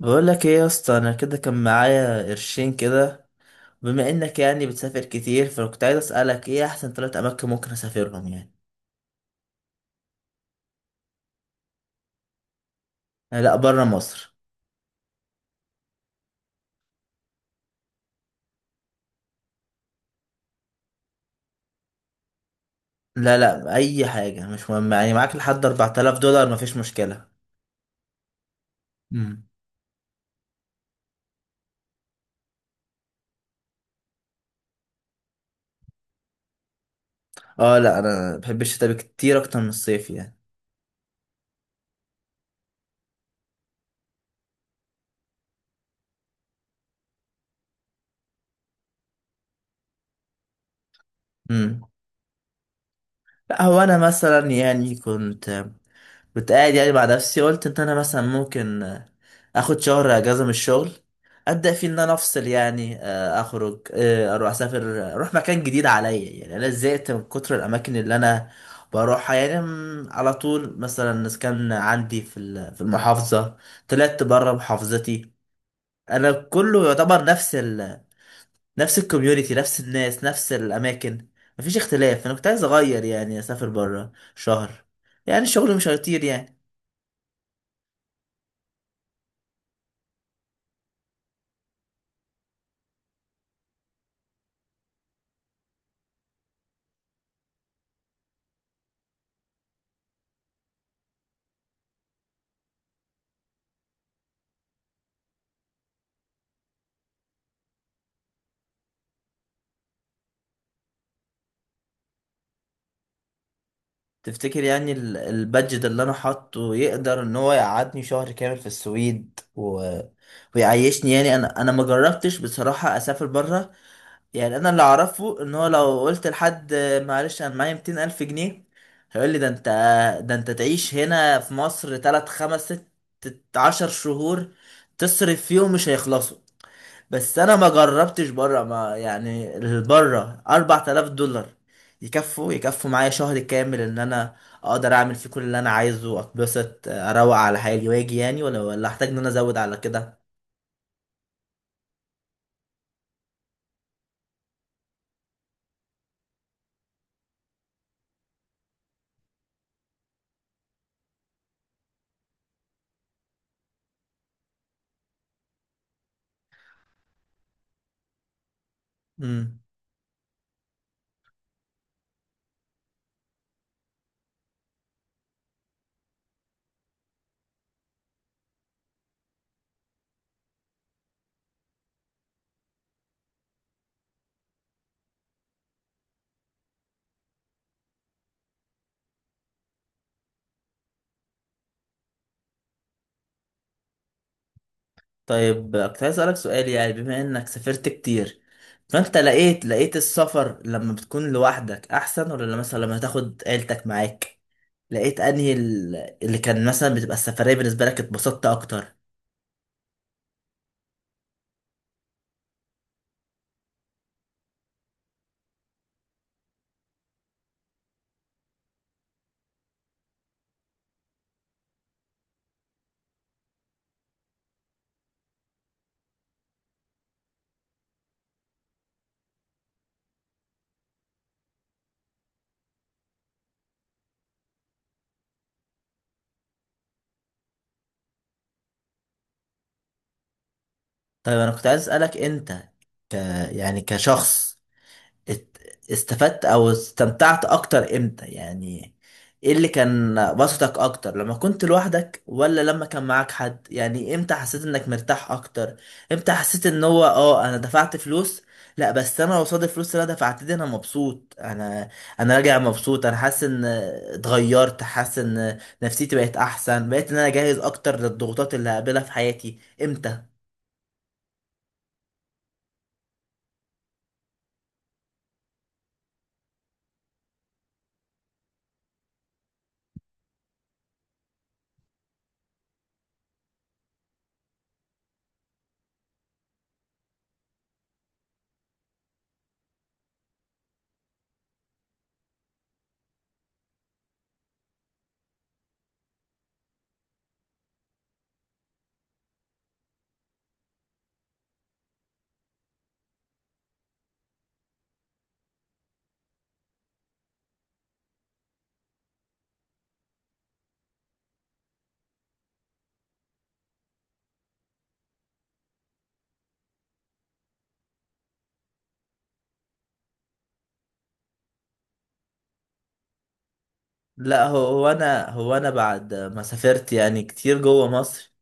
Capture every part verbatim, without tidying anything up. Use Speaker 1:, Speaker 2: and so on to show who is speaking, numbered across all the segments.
Speaker 1: بقول لك ايه يا اسطى، انا كده كان معايا قرشين كده. بما انك يعني بتسافر كتير، فكنت عايز اسالك ايه احسن ثلاث اماكن ممكن اسافرهم يعني؟ آه، لا، بره مصر. لا لا، اي حاجه مش مهم، يعني معاك لحد اربعة آلاف دولار مفيش مشكله. امم. اه، لا انا بحب الشتاء كتير اكتر من الصيف يعني. امم. لا هو انا مثلا يعني كنت كنت قاعد يعني مع نفسي، قلت ان انا مثلا ممكن آه، اخد شهر اجازه من الشغل، ابدا فيه، ان انا افصل يعني، آه، اخرج، آه، اروح اسافر، آه، اروح مكان جديد عليا. يعني انا زهقت من كتر الاماكن اللي انا بروحها يعني. م، على طول مثلا كان عندي في ال- في المحافظه، طلعت بره محافظتي. انا كله يعتبر نفس ال نفس الكوميونتي، نفس الناس، نفس الاماكن، مفيش اختلاف. انا كنت عايز اغير يعني، اسافر بره شهر، يعني الشغل مش هيطير يعني. تفتكر يعني ال- البادجت اللي انا حاطه يقدر ان هو يقعدني شهر كامل في السويد و... ويعيشني؟ يعني انا انا ما جربتش بصراحة اسافر بره. يعني انا اللي اعرفه ان هو لو قلت لحد معلش انا معايا ميتين الف جنيه الف جنيه، هيقول لي: ده انت، ده انت تعيش هنا في مصر ثلاثة خمسة ستة عشرة شهور، تصرف فيهم مش هيخلصوا. بس انا ما جربتش بره، ما يعني بره اربعة آلاف دولار يكفوا يكفوا معايا شهر كامل، ان انا اقدر اعمل فيه كل اللي انا عايزه، اتبسط اروق على حالي واجي يعني، ولا ولا احتاج ان انا ازود على كده؟ امم. طيب، كنت عايز اسالك سؤال، يعني بما انك سافرت كتير، فانت لقيت لقيت السفر لما بتكون لوحدك احسن، ولا لما- مثلا لما تاخد عيلتك معاك؟ لقيت انهي ال- اللي كان مثلا بتبقى السفرية بالنسبة لك اتبسطت اكتر؟ طيب انا كنت عايز اسالك انت، ك يعني كشخص، ات- استفدت او استمتعت اكتر امتى يعني؟ ايه اللي كان بسطك اكتر، لما كنت لوحدك ولا لما كان معاك حد؟ يعني امتى حسيت انك مرتاح اكتر؟ امتى حسيت ان هو اه انا دفعت فلوس، لا بس انا قصاد الفلوس اللي انا دفعت دي انا مبسوط، انا انا راجع مبسوط، انا حاسس ان اتغيرت، حاسس ان نفسيتي بقت احسن، بقيت ان انا جاهز اكتر للضغوطات اللي هقابلها في حياتي؟ امتى؟ لا هو هو انا هو انا بعد ما سافرت يعني كتير جوه مصر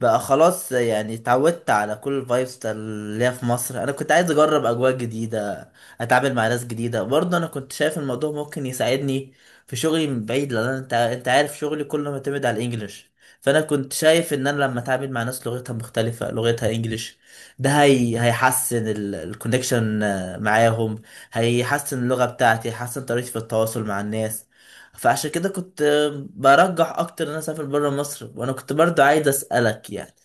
Speaker 1: بقى خلاص، يعني اتعودت على كل الفايبس بتاع اللي هي في مصر. انا كنت عايز اجرب اجواء جديده، اتعامل مع ناس جديده برضه. انا كنت شايف الموضوع ممكن يساعدني في شغلي من بعيد، لان أنا- انت انت عارف شغلي كله معتمد على الانجليش. فانا كنت شايف ان انا لما اتعامل مع ناس لغتها مختلفه، لغتها انجليش، ده هي هيحسن الكونكشن معاهم، هيحسن اللغه بتاعتي، هيحسن طريقتي في التواصل مع الناس. فعشان كده كنت برجح اكتر ان انا اسافر بره مصر. وانا كنت برضو عايز اسالك يعني،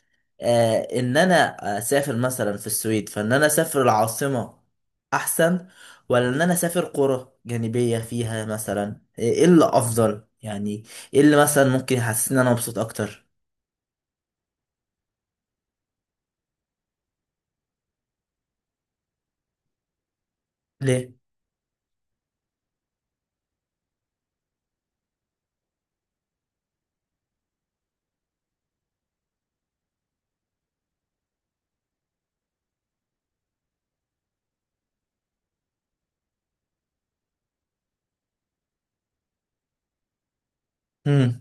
Speaker 1: آه ان انا اسافر مثلا في السويد، فان انا اسافر العاصمه احسن، ولا ان انا اسافر قرى جانبيه فيها؟ مثلا ايه اللي افضل يعني؟ ايه اللي مثلا ممكن يحسسني ان انا مبسوط اكتر؟ ليه؟ مم.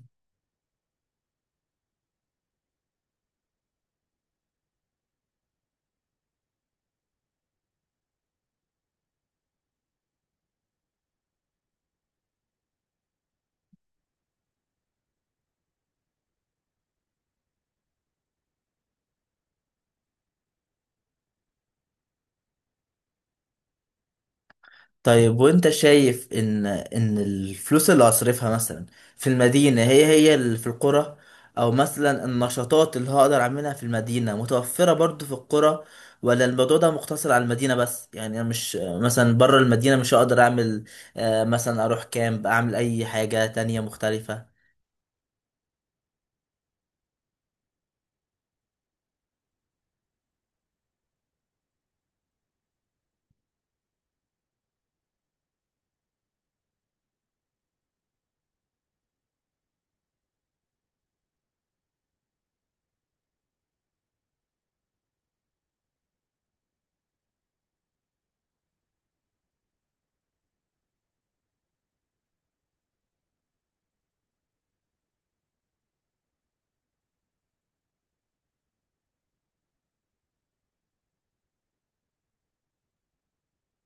Speaker 1: طيب، وانت شايف ان ان الفلوس اللي هصرفها مثلا في المدينة هي هي اللي في القرى؟ او مثلا النشاطات اللي هقدر اعملها في المدينة متوفرة برضو في القرى، ولا الموضوع ده مقتصر على المدينة بس؟ يعني انا مش مثلا بره المدينة مش هقدر اعمل آه، مثلا اروح كامب، اعمل اي حاجة تانية مختلفة؟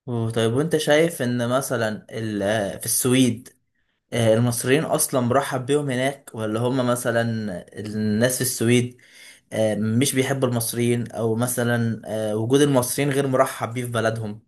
Speaker 1: طيب، وانت شايف ان مثلا ال- آه، في السويد، آه، المصريين اصلا مرحب بيهم هناك، ولا هم مثلا الناس في السويد آه، مش بيحبوا المصريين، او مثلا آه، وجود المصريين غير مرحب بيه في بلدهم؟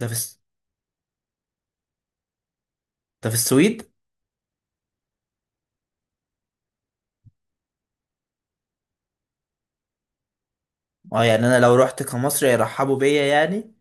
Speaker 1: ده في الس- ده في السويد. اه، يعني انا لو رحت كمصري يرحبوا بيا يعني؟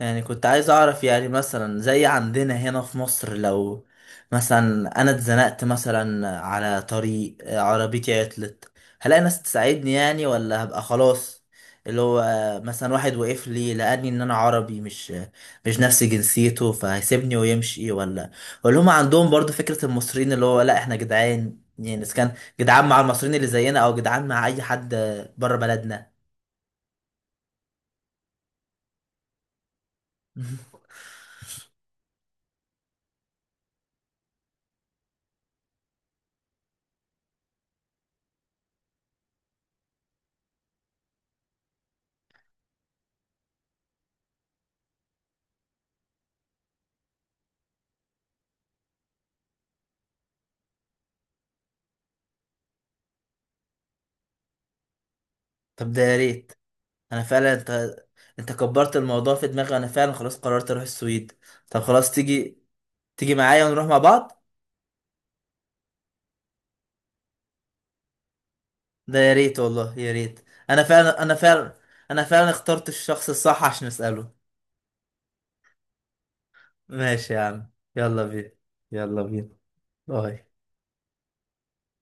Speaker 1: يعني كنت عايز اعرف، يعني مثلا زي عندنا هنا في مصر، لو مثلا انا اتزنقت مثلا على طريق، آه، عربيتي عطلت، هلاقي ناس تساعدني يعني، ولا هبقى خلاص، اللي هو آه، مثلا واحد وقف لي، لقاني ان انا عربي مش آه، مش نفس جنسيته، فهيسيبني ويمشي؟ ولا ولا هم عندهم برضو فكرة المصريين اللي هو لا احنا جدعان؟ يعني اذا كان جدعان مع المصريين اللي زينا، او جدعان مع اي حد آه، بره بلدنا؟ طب ده يا ريت. انا فعلا، انت انت كبرت الموضوع في دماغي، وانا فعلا خلاص قررت اروح السويد. طب خلاص، تيجي تيجي معايا ونروح مع بعض؟ ده يا ريت والله، يا ريت. انا فعلا انا فعلا انا فعلا اخترت الشخص الصح عشان اساله. ماشي يا عم، يلا بينا. يلا بينا. باي.